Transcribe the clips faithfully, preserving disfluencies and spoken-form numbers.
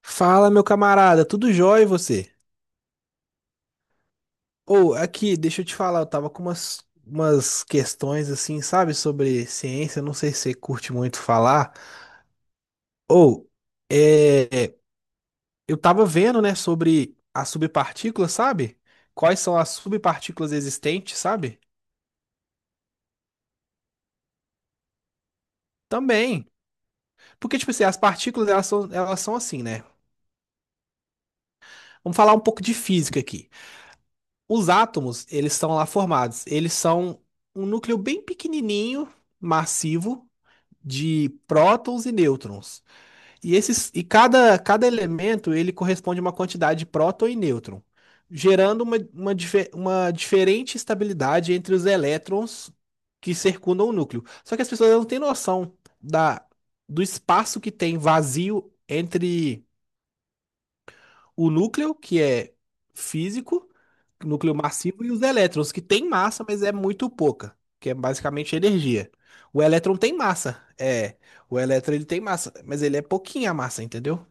Fala, meu camarada, tudo jóia e você? Ou aqui, deixa eu te falar, eu tava com umas, umas questões assim, sabe, sobre ciência, não sei se você curte muito falar. Ou, é, é, eu tava vendo, né, sobre as subpartículas, sabe? Quais são as subpartículas existentes, sabe? Também. Porque, tipo assim, as partículas, elas são, elas são assim, né? Vamos falar um pouco de física aqui. Os átomos, eles estão lá formados, eles são um núcleo bem pequenininho, massivo de prótons e nêutrons. E esses e cada, cada elemento ele corresponde a uma quantidade de próton e nêutron, gerando uma, uma, dife- uma diferente estabilidade entre os elétrons que circundam o núcleo. Só que as pessoas não têm noção da, do espaço que tem vazio entre o núcleo, que é físico, núcleo massivo, e os elétrons, que tem massa, mas é muito pouca, que é basicamente energia. O elétron tem massa, é. O elétron ele tem massa, mas ele é pouquinha a massa, entendeu?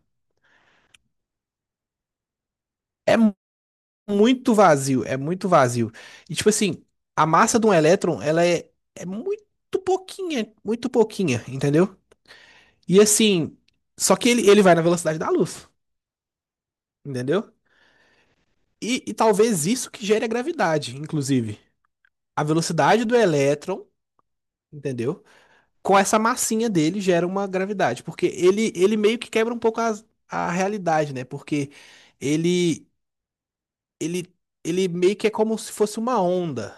É mu- muito vazio, é muito vazio. E tipo assim, a massa de um elétron, ela é, é muito pouquinha, muito pouquinha, entendeu? E assim, só que ele, ele vai na velocidade da luz, entendeu? E, e talvez isso que gere a gravidade, inclusive. A velocidade do elétron, entendeu? Com essa massinha dele gera uma gravidade, porque ele, ele meio que quebra um pouco as- a, realidade, né? Porque ele, ele, ele meio que é como se fosse uma onda.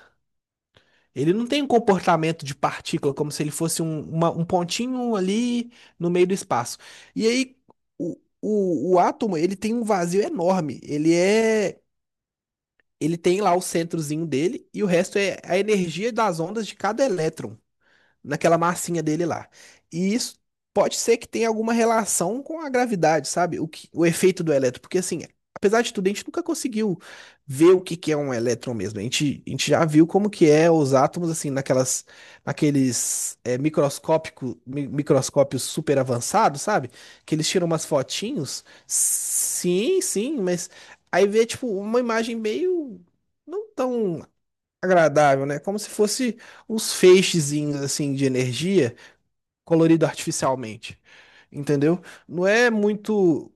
Ele não tem um comportamento de partícula, como se ele fosse um, uma- um pontinho ali no meio do espaço. E aí, o, o, o átomo, ele tem um vazio enorme. Ele é, ele tem lá o centrozinho dele e o resto é a energia das ondas de cada elétron. Naquela massinha dele lá. E isso pode ser que tenha alguma relação com a gravidade, sabe? O, que, o efeito do elétron, porque assim, apesar de tudo, a gente nunca conseguiu ver o que que é um elétron mesmo. A gente, a gente já viu como que é os átomos assim naquelas naqueles é, microscópico, mi- microscópios super avançados, sabe? Que eles tiram umas fotinhos. Sim, sim, mas aí vê tipo uma imagem meio não tão agradável, né? Como se fosse uns feixezinhos assim de energia colorido artificialmente, entendeu? Não é muito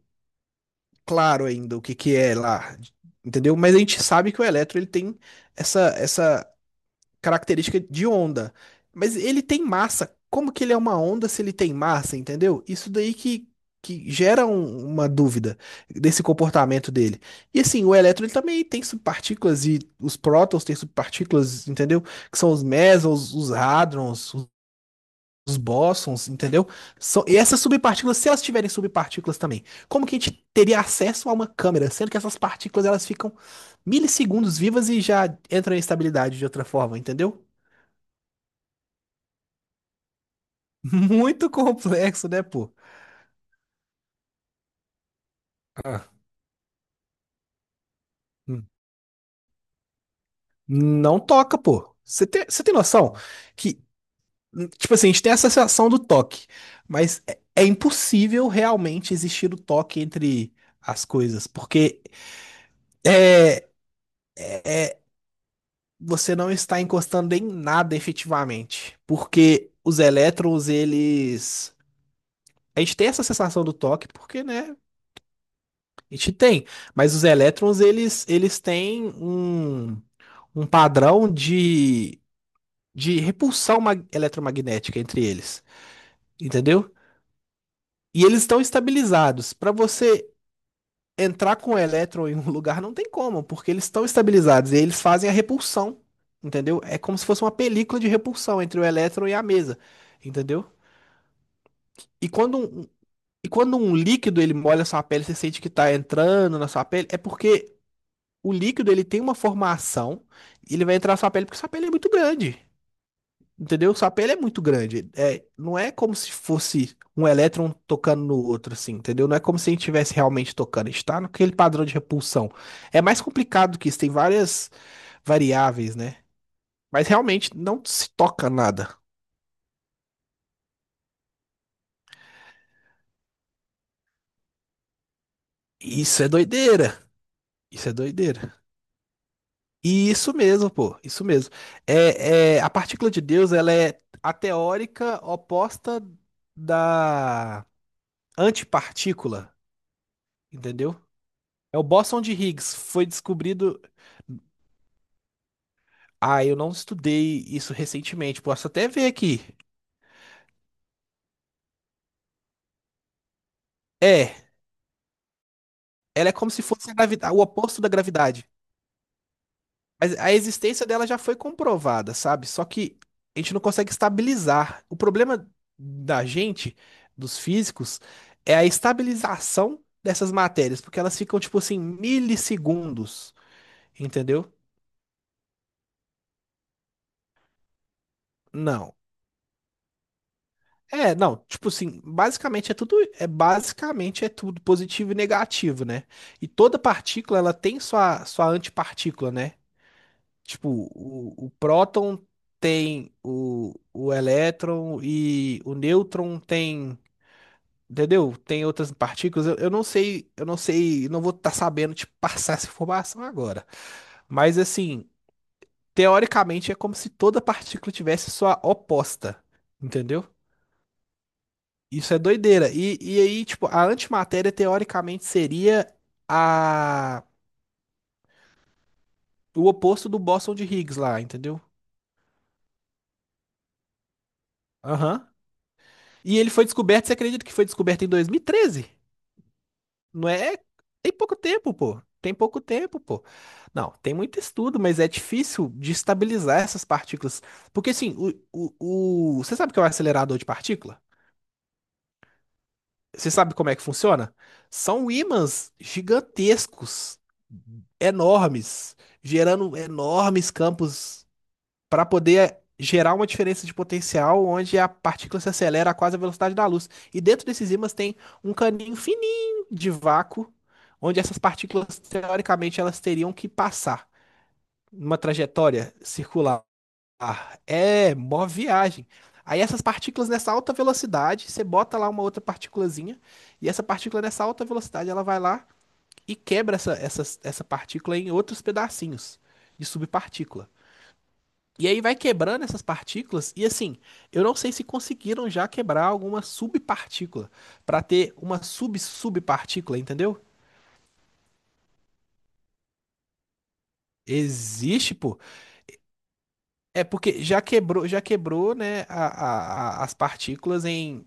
claro ainda o que que é lá, entendeu? Mas a gente sabe que o elétron ele tem essa essa característica de onda. Mas ele tem massa. Como que ele é uma onda se ele tem massa, entendeu? Isso daí que, que gera um- uma dúvida desse comportamento dele. E assim, o elétron ele também tem subpartículas e os prótons têm subpartículas, entendeu? Que são os mesons, os hadrons, os os bósons, entendeu? São, e essas subpartículas, se elas tiverem subpartículas também, como que a gente teria acesso a uma câmera, sendo que essas partículas elas ficam milissegundos vivas e já entram em estabilidade de outra forma, entendeu? Muito complexo, né, pô? Ah, Hum. Não toca, pô. Você tem, você tem noção que, hum, tipo assim, a gente tem essa sensação do toque, mas é, é impossível realmente existir o toque entre as coisas, porque é, é- você não está encostando em nada efetivamente, porque os elétrons, eles... A gente tem essa sensação do toque porque, né, a gente tem, mas os elétrons, eles, eles têm um, um padrão de de repulsão mag- eletromagnética entre eles, entendeu? E eles estão estabilizados. Para você entrar com o elétron em um lugar não tem como, porque eles estão estabilizados e eles fazem a repulsão, entendeu? É como se fosse uma película de repulsão entre o elétron e a mesa, entendeu? E quando um, e quando um líquido ele molha a sua pele, você sente que está entrando na sua pele, é porque o líquido ele tem uma formação e ele vai entrar na sua pele porque sua pele é muito grande. Entendeu? O sapé ele é muito grande. É, não é como se fosse um elétron tocando no outro, assim, entendeu? Não é como se a gente estivesse realmente tocando. A gente tá naquele padrão de repulsão. É mais complicado que isso, tem várias variáveis, né? Mas realmente não se toca nada. Isso é doideira. Isso é doideira. E isso mesmo, pô. Isso mesmo. É, é, a partícula de Deus, ela é a teórica oposta da antipartícula, entendeu? É o bóson de Higgs. Foi descobrido. Ah, eu não estudei isso recentemente. Posso até ver aqui. É, ela é como se fosse a gravidade, o oposto da gravidade. Mas a existência dela já foi comprovada, sabe? Só que a gente não consegue estabilizar. O problema da gente, dos físicos, é a estabilização dessas matérias, porque elas ficam, tipo assim, milissegundos, entendeu? Não. É, não, tipo assim, basicamente é tudo, é basicamente é tudo positivo e negativo, né? E toda partícula ela tem sua sua antipartícula, né? Tipo, o, o próton tem o, o elétron e o nêutron tem, entendeu? Tem outras partículas. Eu, eu não sei, eu não sei, não vou estar sabendo te passar essa informação agora. Mas assim, teoricamente é como se toda partícula tivesse sua oposta, entendeu? Isso é doideira. E, e aí, tipo, a antimatéria teoricamente seria a o oposto do bóson de Higgs lá, entendeu? Aham. E ele foi descoberto, você acredita que foi descoberto em dois mil e treze? Não é? Tem pouco tempo, pô. Tem pouco tempo, pô. Não, tem muito estudo, mas é difícil de estabilizar essas partículas. Porque assim, o, o, o- você sabe o que é o acelerador de partícula? Você sabe como é que funciona? São ímãs gigantescos, enormes, gerando enormes campos para poder gerar uma diferença de potencial onde a partícula se acelera a quase a velocidade da luz. E dentro desses ímãs tem um caninho fininho de vácuo, onde essas partículas, teoricamente, elas teriam que passar numa trajetória circular. Ah, é, mó viagem. Aí essas partículas nessa alta velocidade, você bota lá uma outra partículazinha, e essa partícula nessa alta velocidade, ela vai lá e quebra essa, essa, essa partícula em outros pedacinhos de subpartícula. E aí vai quebrando essas partículas, e assim, eu não sei se conseguiram já quebrar alguma subpartícula para ter uma sub-subpartícula, entendeu? Existe, pô. É porque já quebrou, já quebrou, né, a- a- a- as partículas em.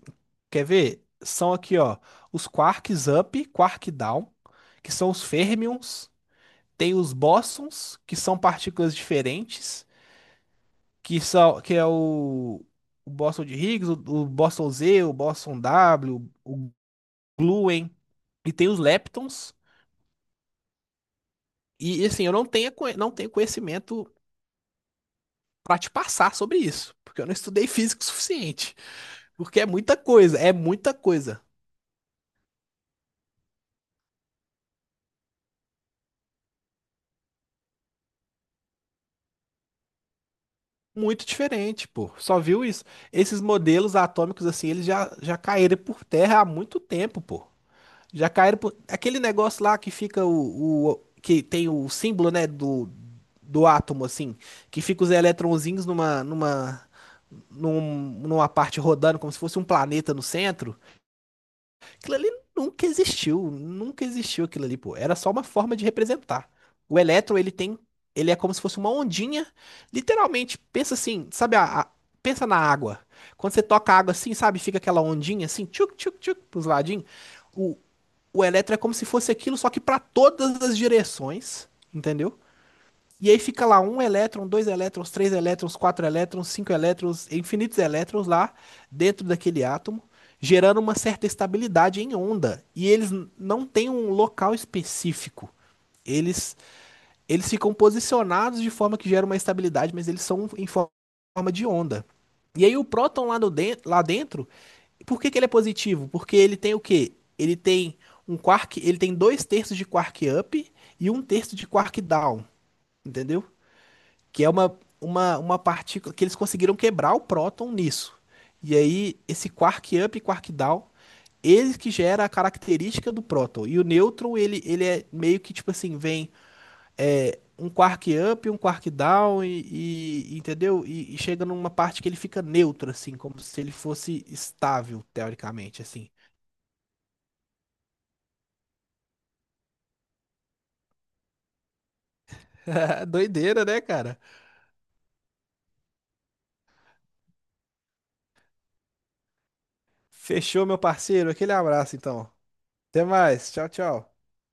Quer ver? São aqui, ó, os quarks up, quark down, que são os fermions, tem os bósons, que são partículas diferentes, que são que é o, o bóson de Higgs, o, o bóson Z, o bóson W, o gluon, e tem os leptons. E assim, eu não tenho conhe- não tenho conhecimento para te passar sobre isso, porque eu não estudei física o suficiente, porque é muita coisa, é muita coisa. Muito diferente, pô. Só viu isso? Esses modelos atômicos, assim, eles já, já caíram por terra há muito tempo, pô. Já caíram por. Aquele negócio lá que fica o, o- que tem o símbolo, né, do, do átomo, assim, que fica os eletrõezinhos numa, numa, num- numa parte rodando, como se fosse um planeta no centro. Aquilo ali nunca existiu, nunca existiu aquilo ali, pô. Era só uma forma de representar. O elétron, ele tem, ele é como se fosse uma ondinha, literalmente, pensa assim, sabe a, a- pensa na água. Quando você toca a água assim, sabe, fica aquela ondinha assim, tchuc, tchuc, tchuc, pros ladinhos. O, o elétron é como se fosse aquilo, só que para todas as direções, entendeu? E aí fica lá um elétron, dois elétrons, três elétrons, quatro elétrons, cinco elétrons, infinitos elétrons lá dentro daquele átomo, gerando uma certa estabilidade em onda. E eles não têm um local específico. Eles, eles ficam posicionados de forma que gera uma estabilidade, mas eles são em forma de onda. E aí o próton lá, no den- lá dentro, por que que ele é positivo? Porque ele tem o quê? Ele tem um quark, ele tem dois terços de quark up e um terço de quark down, entendeu? Que é uma, uma, uma partícula que eles conseguiram quebrar o próton nisso. E aí, esse quark up e quark down, ele que gera a característica do próton. E o nêutron, ele, ele é meio que tipo assim, vem é, um quark up, um quark down, e, e- entendeu? E, e chega numa parte que ele fica neutro, assim, como se ele fosse estável, teoricamente, assim. Doideira, né, cara? Fechou, meu parceiro. Aquele abraço, então. Até mais. Tchau, tchau.